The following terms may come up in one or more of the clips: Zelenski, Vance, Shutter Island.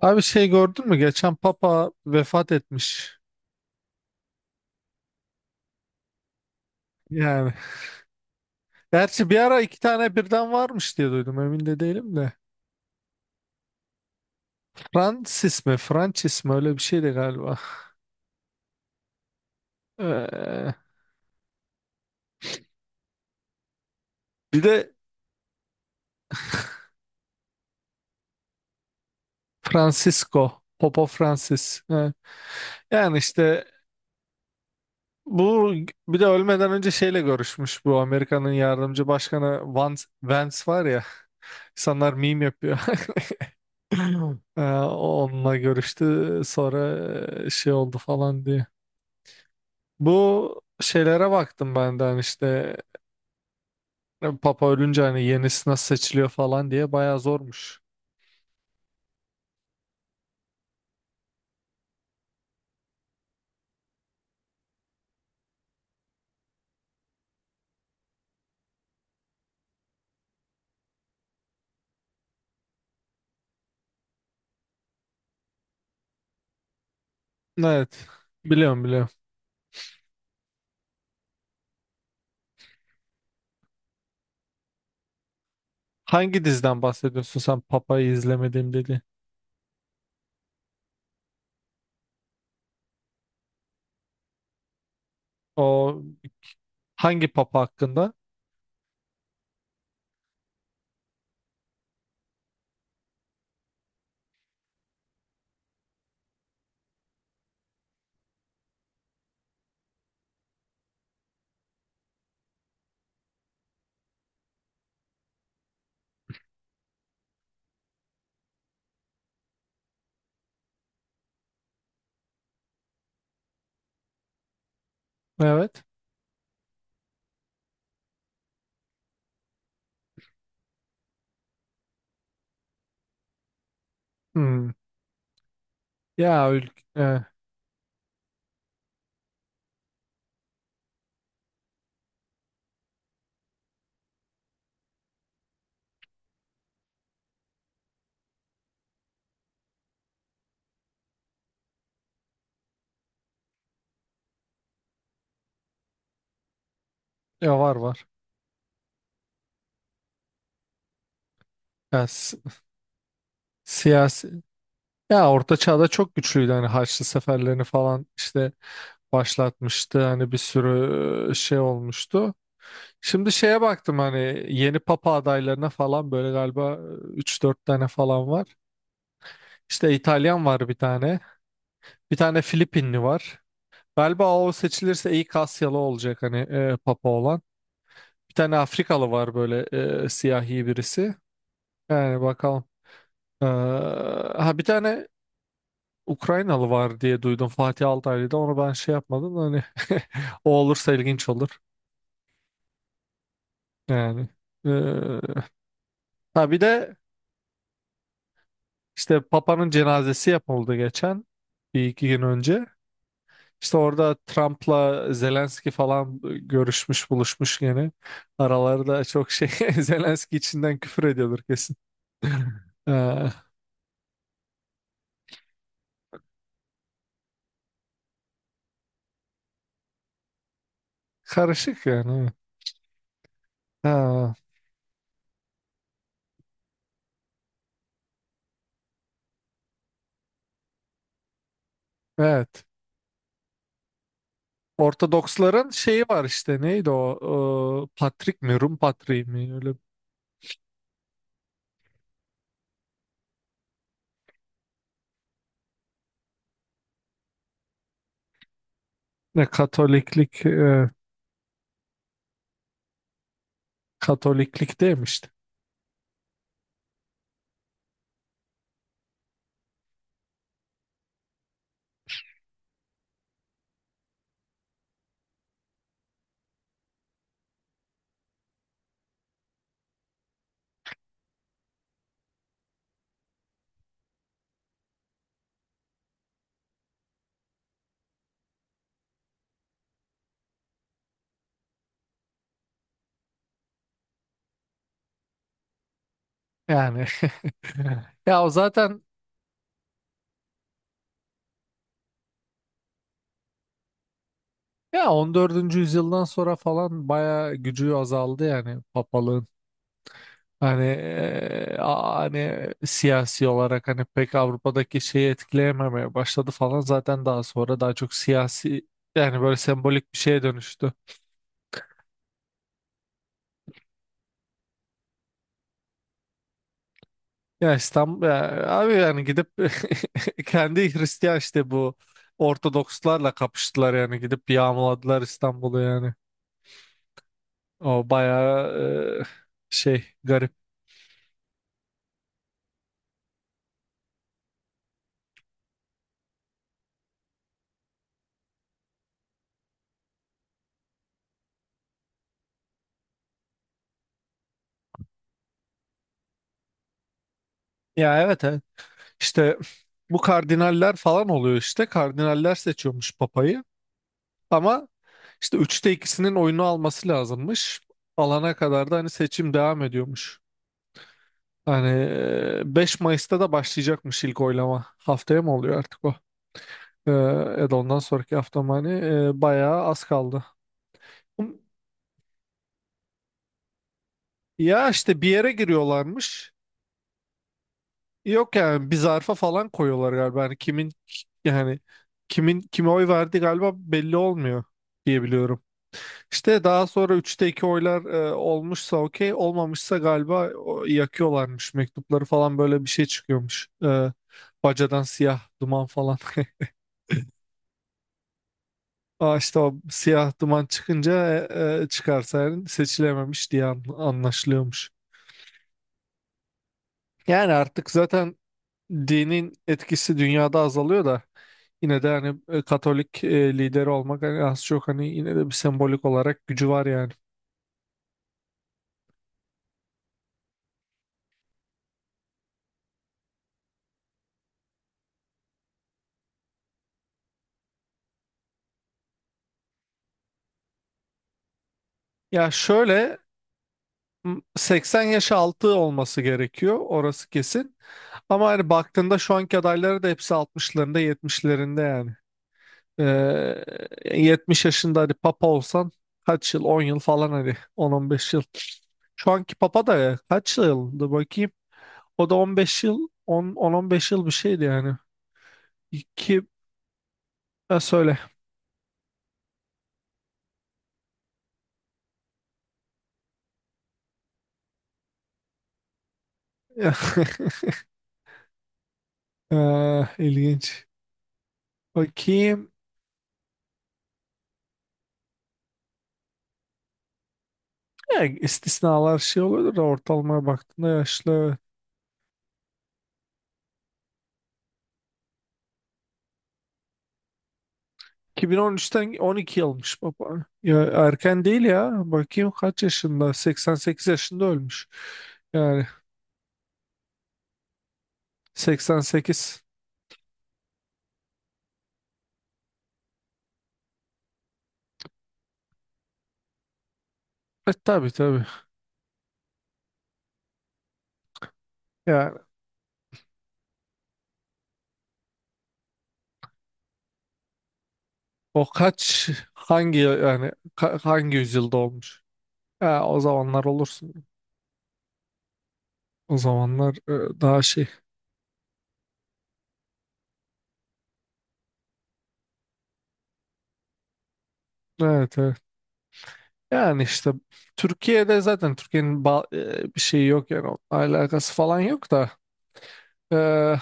Abi şey gördün mü? Geçen Papa vefat etmiş. Yani. Gerçi bir ara iki tane birden varmış diye duydum. Emin de değilim de. Francis mi? Francis mi? Öyle bir şeydi galiba. Ee, Bir de Francisco. Papa Francis. Ha. Yani işte bu bir de ölmeden önce şeyle görüşmüş. Bu Amerika'nın yardımcı başkanı Vance var ya. İnsanlar meme yapıyor. Onunla görüştü. Sonra şey oldu falan diye. Bu şeylere baktım benden işte Papa ölünce hani yenisi nasıl seçiliyor falan diye bayağı zormuş. Evet. Biliyorum biliyorum. Hangi diziden bahsediyorsun sen Papa'yı izlemediğim dedi. O hangi Papa hakkında? Evet. Hmm. Ya e, ya var var. Ya, siyasi. Ya Orta Çağ'da çok güçlüydü hani Haçlı seferlerini falan işte başlatmıştı hani bir sürü şey olmuştu. Şimdi şeye baktım hani yeni papa adaylarına falan böyle galiba üç dört tane falan var. İşte İtalyan var bir tane. Bir tane Filipinli var. Galiba o seçilirse ilk Asyalı olacak hani papa olan. Bir tane Afrikalı var böyle siyahi birisi. Yani bakalım. Ha, bir tane Ukraynalı var diye duydum Fatih Altaylı'da. Onu ben şey yapmadım da hani o olursa ilginç olur. Yani. Ee, ha, bir de işte Papa'nın cenazesi yapıldı geçen bir iki gün önce. İşte orada Trump'la Zelenski falan görüşmüş buluşmuş gene. Aralarda çok şey Zelenski içinden küfür ediyordur kesin. Ee, Karışık yani. Evet. Ha, evet. Ortodoksların şeyi var işte neydi o Patrik mi Rum Patriği mi öyle ne Katoliklik Katoliklik demişti. Yani ya o zaten ya 14. yüzyıldan sonra falan bayağı gücü azaldı yani papalığın. Hani hani siyasi olarak hani pek Avrupa'daki şeyi etkileyememeye başladı falan zaten daha sonra daha çok siyasi yani böyle sembolik bir şeye dönüştü. Ya İstanbul ya abi yani gidip kendi Hristiyan işte bu Ortodokslarla kapıştılar yani gidip yağmaladılar İstanbul'u yani. O bayağı şey garip. Ya evet evet. İşte bu kardinaller falan oluyor işte. Kardinaller seçiyormuş papayı. Ama işte 3'te ikisinin oyunu alması lazımmış. Alana kadar da hani seçim devam ediyormuş. Hani 5 Mayıs'ta da başlayacakmış ilk oylama. Haftaya mı oluyor artık o? E, Ya da ondan sonraki hafta mı hani bayağı az kaldı. Ya işte bir yere giriyorlarmış. Yok yani bir zarfa falan koyuyorlar galiba. Hani kimin yani kimin kime oy verdi galiba belli olmuyor diye biliyorum. İşte daha sonra 3'te 2 oylar olmuşsa okey olmamışsa galiba o, yakıyorlarmış mektupları falan böyle bir şey çıkıyormuş. Bacadan siyah duman falan. Aa, işte o siyah duman çıkınca çıkarsa yani seçilememiş diye anlaşılıyormuş. Yani artık zaten dinin etkisi dünyada azalıyor da yine de hani Katolik lideri olmak hani az çok hani yine de bir sembolik olarak gücü var yani. Ya şöyle 80 yaş altı olması gerekiyor orası kesin. Ama hani baktığında şu anki adayları da hepsi altmışlarında, yetmişlerinde yani. 70 yaşında hani papa olsan kaç yıl 10 yıl falan hani 10-15 yıl. Şu anki papa da kaç yıldı bakayım. O da 15 yıl, 10-15 yıl bir şeydi yani. İki, ha, söyle. İlginç. Bakayım. Ya, istisnalar şey oluyordur da ortalamaya baktığında yaşlı. 2013'ten 12 yılmış baba. Ya erken değil ya. Bakayım kaç yaşında? 88 yaşında ölmüş. Yani 88. E tabii tabii. Yani o kaç hangi yani hangi yüzyılda olmuş? Ya, o zamanlar olursun. O zamanlar daha şey. Evet evet. Yani işte Türkiye'de zaten Türkiye'nin bir şeyi yok yani onunla alakası falan yok da. E,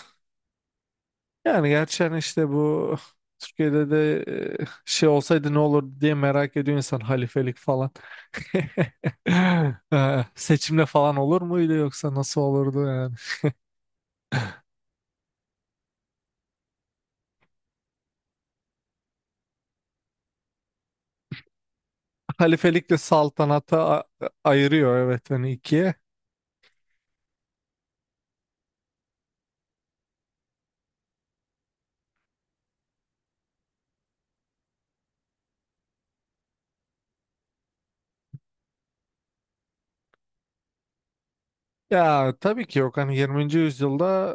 Yani gerçi hani işte bu Türkiye'de de şey olsaydı ne olur diye merak ediyor insan halifelik falan. Seçimle falan olur muydu yoksa nasıl olurdu yani? Halifelikle saltanata ayırıyor evet hani ikiye. Ya tabii ki yok. Hani 20. yüzyılda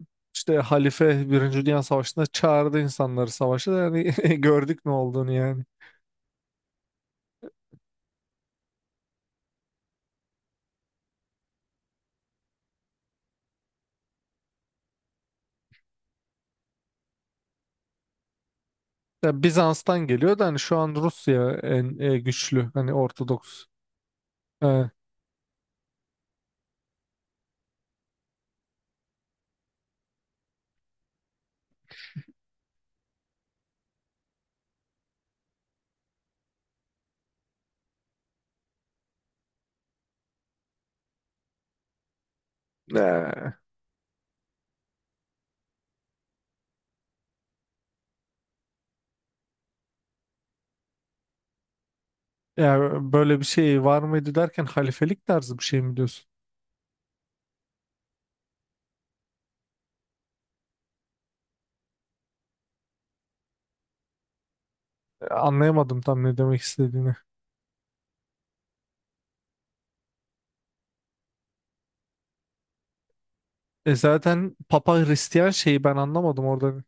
işte halife Birinci Dünya Savaşı'nda çağırdı insanları savaşa da yani gördük ne olduğunu yani. Ya Bizans'tan geliyor da hani şu an Rusya en güçlü hani Ortodoks. E, e, Ya böyle bir şey var mıydı derken halifelik tarzı bir şey mi diyorsun? Anlayamadım tam ne demek istediğini. Zaten Papa Hristiyan şeyi ben anlamadım orada.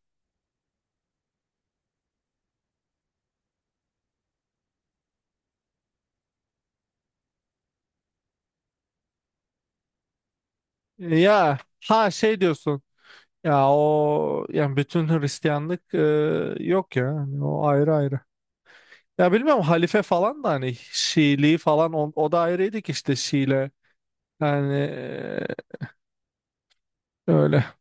Ya ha şey diyorsun. Ya o yani bütün Hristiyanlık yok ya. Hani o ayrı ayrı. Ya bilmiyorum halife falan da hani Şiiliği falan o da ayrıydı ki işte Şiile. Yani öyle.